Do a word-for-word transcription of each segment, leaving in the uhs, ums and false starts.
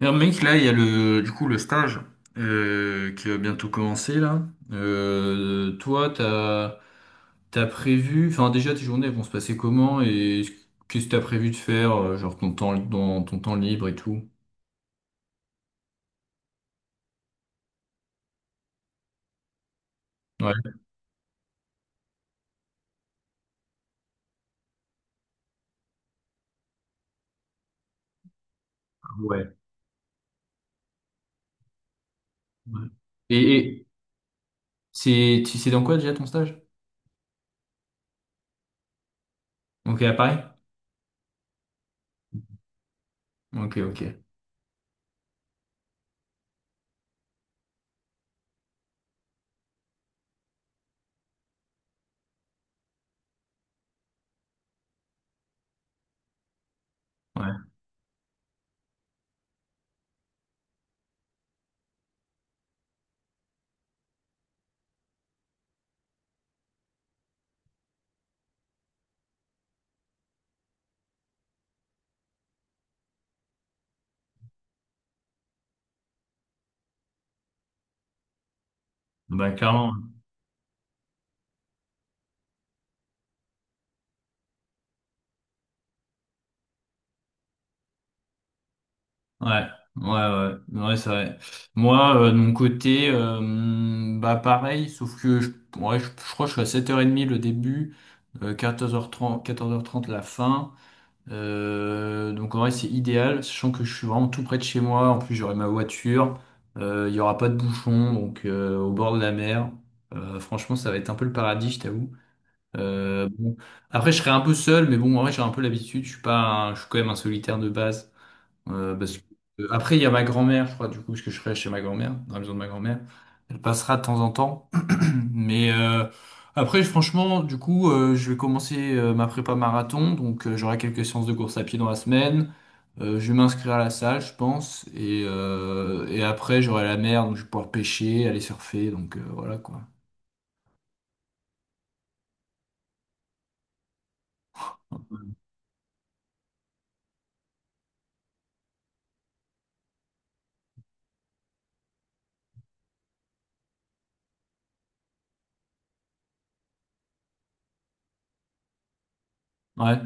Alors, mec, là, il y a le, du coup, le stage euh, qui va bientôt commencer, là. Euh, toi, t'as, t'as prévu, enfin, déjà, tes journées elles vont se passer comment et qu'est-ce que t'as prévu de faire, euh, genre ton temps, dans ton temps libre et tout? Ouais. Ouais, ouais. Et, et c'est, tu c'est dans quoi déjà ton stage? Ok, à Paris? Ok, ok. Ouais. Bah, clairement. Ouais, ouais, ouais, ouais, c'est vrai. Moi, euh, de mon côté, euh, bah pareil, sauf que je, ouais, je, je crois que je suis à sept heures trente le début, euh, quatorze heures trente, quatorze heures trente la fin. Euh, donc en vrai, c'est idéal, sachant que je suis vraiment tout près de chez moi. En plus, j'aurai ma voiture, euh, il y aura pas de bouchon, donc euh, au bord de la mer. Euh, franchement, ça va être un peu le paradis, je t'avoue. Euh, bon. Après, je serai un peu seul, mais bon, en vrai, j'ai un peu l'habitude. Je suis pas, un- je suis quand même un solitaire de base. Euh, parce que- euh, Après, il y a ma grand-mère, je crois, du coup, parce que je serai chez ma grand-mère, dans la maison de ma grand-mère. Elle passera de temps en temps. Mais euh, après, franchement, du coup, euh, je vais commencer euh, ma prépa marathon. Donc, euh, j'aurai quelques séances de course à pied dans la semaine. Euh, je vais m'inscrire à la salle, je pense. Et, euh, et après, j'aurai la mer, donc je vais pouvoir pêcher, aller surfer. Donc, euh, voilà, quoi. Ouais,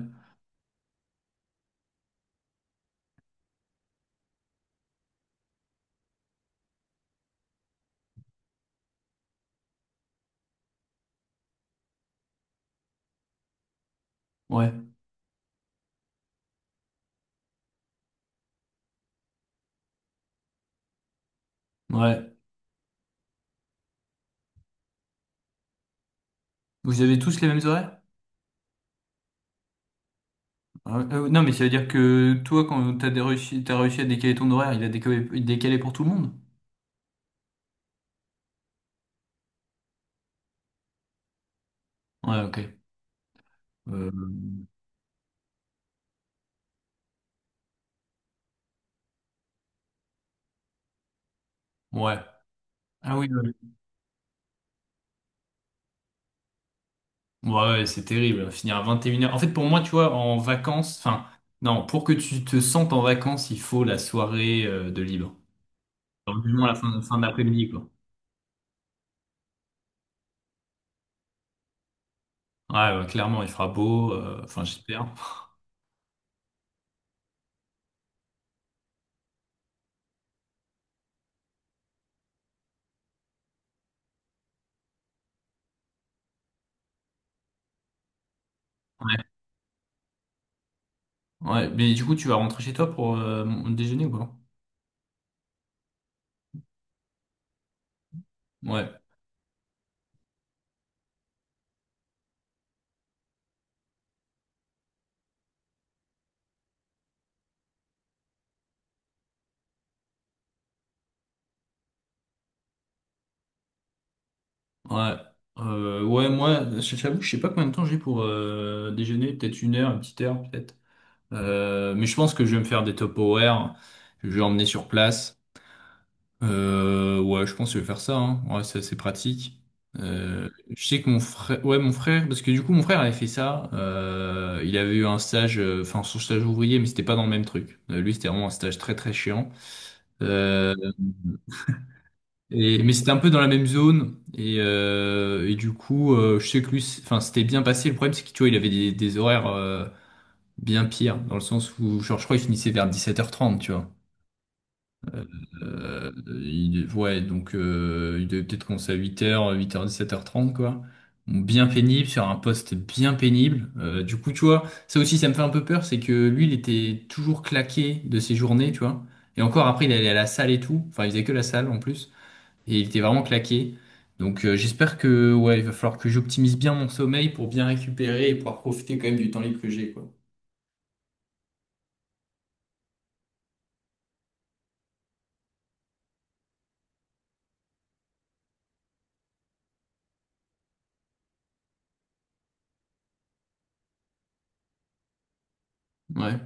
ouais, ouais. Vous avez tous les mêmes horaires? Ah, ouais. Euh, non, mais ça veut dire que toi, quand t'as des réussi, t'as réussi à décaler ton horaire, il a décalé, décalé pour tout le monde? Ouais, ok. Euh, ouais. Ah oui, oui. Ouais, ouais, c'est terrible. Finir à vingt et une heures. En fait, pour moi, tu vois, en vacances, enfin, non, pour que tu te sentes en vacances, il faut la soirée euh, de libre. Alors, du moins la fin, fin d'après-midi, quoi. Ouais, ouais, clairement, il fera beau. euh, Enfin, j'espère. Ouais. Ouais, mais du coup, tu vas rentrer chez toi pour euh, mon- déjeuner ou quoi? Ouais, ouais. Euh, ouais, moi, je- j'avoue, que je sais pas combien de temps j'ai pour euh, déjeuner. Peut-être une heure, une petite heure, peut-être. Euh, mais je pense que je vais me faire des top horaires. Je vais emmener sur place. Euh, ouais, je pense que je vais faire ça. Hein. Ouais, c'est assez pratique. Euh, je sais que mon frère, ouais, mon frère, parce que du coup, mon frère avait fait ça. Euh, il avait eu un stage, euh, enfin, son stage ouvrier, mais c'était pas dans le même truc. Euh, lui, c'était vraiment un stage très très chiant. Euh, et, mais c'était un peu dans la même zone. Et, euh, et du coup, euh, je sais que lui, c'est- enfin, c'était bien passé. Le problème, c'est que tu vois, il avait des, des horaires euh, bien pires, dans le sens où, genre, je crois, il finissait vers dix-sept heures trente, tu vois. Euh, il- ouais, donc euh, il devait peut-être commencer à huit heures huit heures dix, sept heures trente quoi. Bon, bien pénible, sur un poste bien pénible. Euh, du coup, tu vois, ça aussi, ça me fait un peu peur, c'est que lui, il était toujours claqué de ses journées, tu vois. Et encore, après, il allait à la salle et tout. Enfin, il faisait que la salle, en plus. Et il était vraiment claqué. Donc, euh, j'espère que, ouais, il va falloir que j'optimise bien mon sommeil pour bien récupérer et pouvoir profiter quand même du temps libre que j'ai, quoi. Ouais,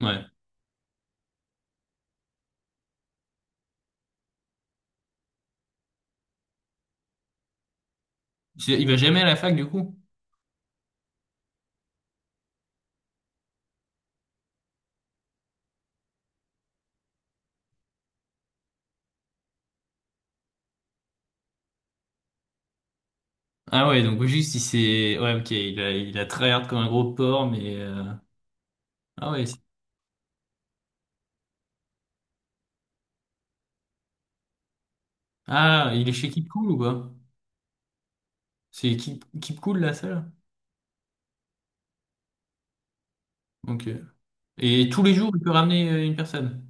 ouais. C'est- il va jamais à la fac, du coup? Ah ouais, donc juste il s'est... Ouais, ok, il a, il a tryhard comme un gros porc, mais... euh, Ah ouais. C'est- ah, il est chez Keep Cool ou quoi? C'est Keep, Keep Cool la salle? Ok. Et tous les jours, il peut ramener euh, une personne.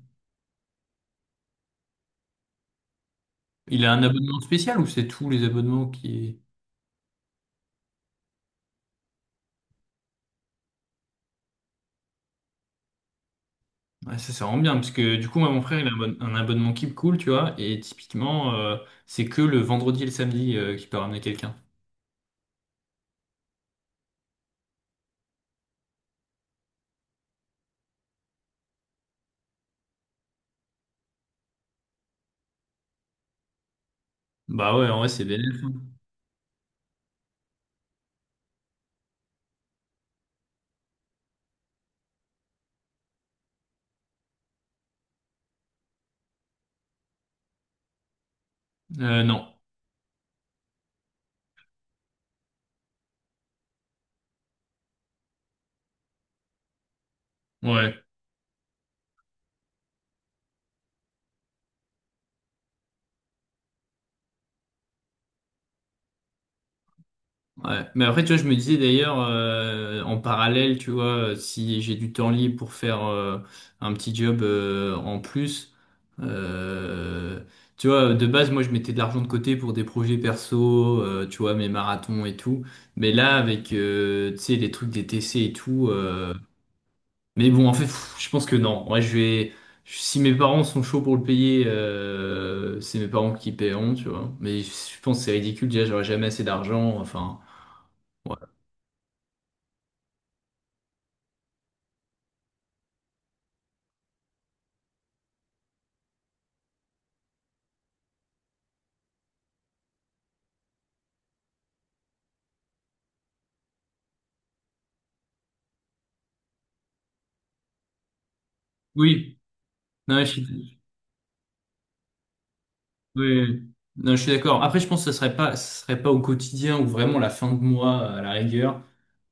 Il a un abonnement spécial ou c'est tous les abonnements qui... Ouais, ça, ça rend bien, parce que du coup, moi, mon frère, il a un abonne- un abonnement Keep Cool, tu vois, et typiquement, euh, c'est que le vendredi et le samedi euh, qu'il peut ramener quelqu'un. Bah ouais, en vrai, c'est bénéfique. Euh, non. Ouais. Ouais. Mais après, tu vois, je me disais d'ailleurs, euh, en parallèle, tu vois, si j'ai du temps libre pour faire euh, un petit job euh, en plus, euh, tu vois, de base, moi, je mettais de l'argent de côté pour des projets perso, euh, tu vois, mes marathons et tout. Mais là, avec, euh, tu sais, les trucs des T C et tout, euh, mais bon, en fait, pff, je pense que non. Ouais, je vais, si mes parents sont chauds pour le payer, euh, c'est mes parents qui paieront, tu vois. Mais je pense que c'est ridicule, déjà, j'aurais jamais assez d'argent, enfin. Ouais. Oui, non, je suis, oui, oui. Non, je suis d'accord. Après, je pense que ce serait pas, ce serait pas au quotidien ou vraiment la fin de mois à la rigueur.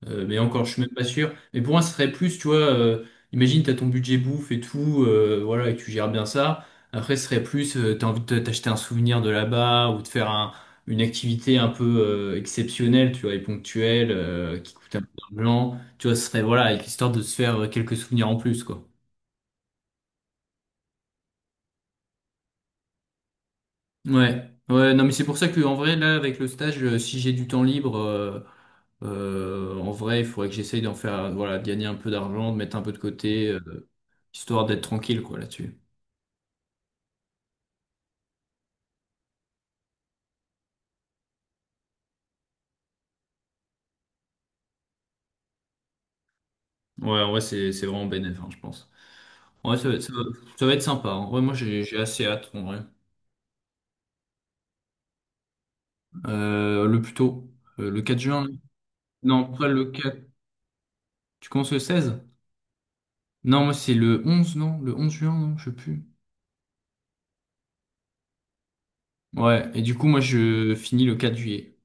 Euh, mais encore, je suis même pas sûr. Mais pour moi, ce serait plus, tu vois, euh, imagine, t'as ton budget bouffe et tout, euh, voilà, et tu gères bien ça. Après, ce serait plus, euh, t'as envie de t'acheter un souvenir de là-bas ou de faire un, une activité un peu euh, exceptionnelle, tu vois, et ponctuelle, euh, qui coûte un peu d'argent. Tu vois, ce serait, voilà, avec l'histoire de se faire euh, quelques souvenirs en plus, quoi. Ouais, ouais, non, mais c'est pour ça que en vrai, là, avec le stage, euh, si j'ai du temps libre, euh, euh, en vrai, il faudrait que j'essaye d'en faire, voilà, de gagner un peu d'argent, de mettre un peu de côté, euh, histoire d'être tranquille, quoi, là-dessus. Ouais, en vrai, c'est c'est vraiment bénéf, hein, je pense. Ouais, ça, va ça va- ça va être sympa. Hein. Ouais, moi, j'ai j'ai assez hâte, en vrai. Euh, le plus tôt, euh, le quatre juin. Là. Non, pas le quatre. Tu commences le seize? Non, moi, c'est le onze, non? Le onze juin, non? Je sais plus. Ouais, et du coup, moi, je finis le quatre juillet.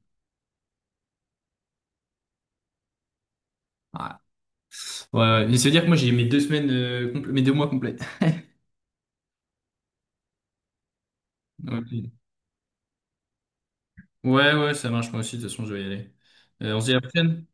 Ah, ouais, ouais. Et c'est-à-dire que moi, j'ai mes deux semaines, euh, compl- mes deux mois complets. Ouais, ouais, ouais, ça marche, moi aussi. De toute façon, je vais y aller. Euh, on se dit à la prochaine.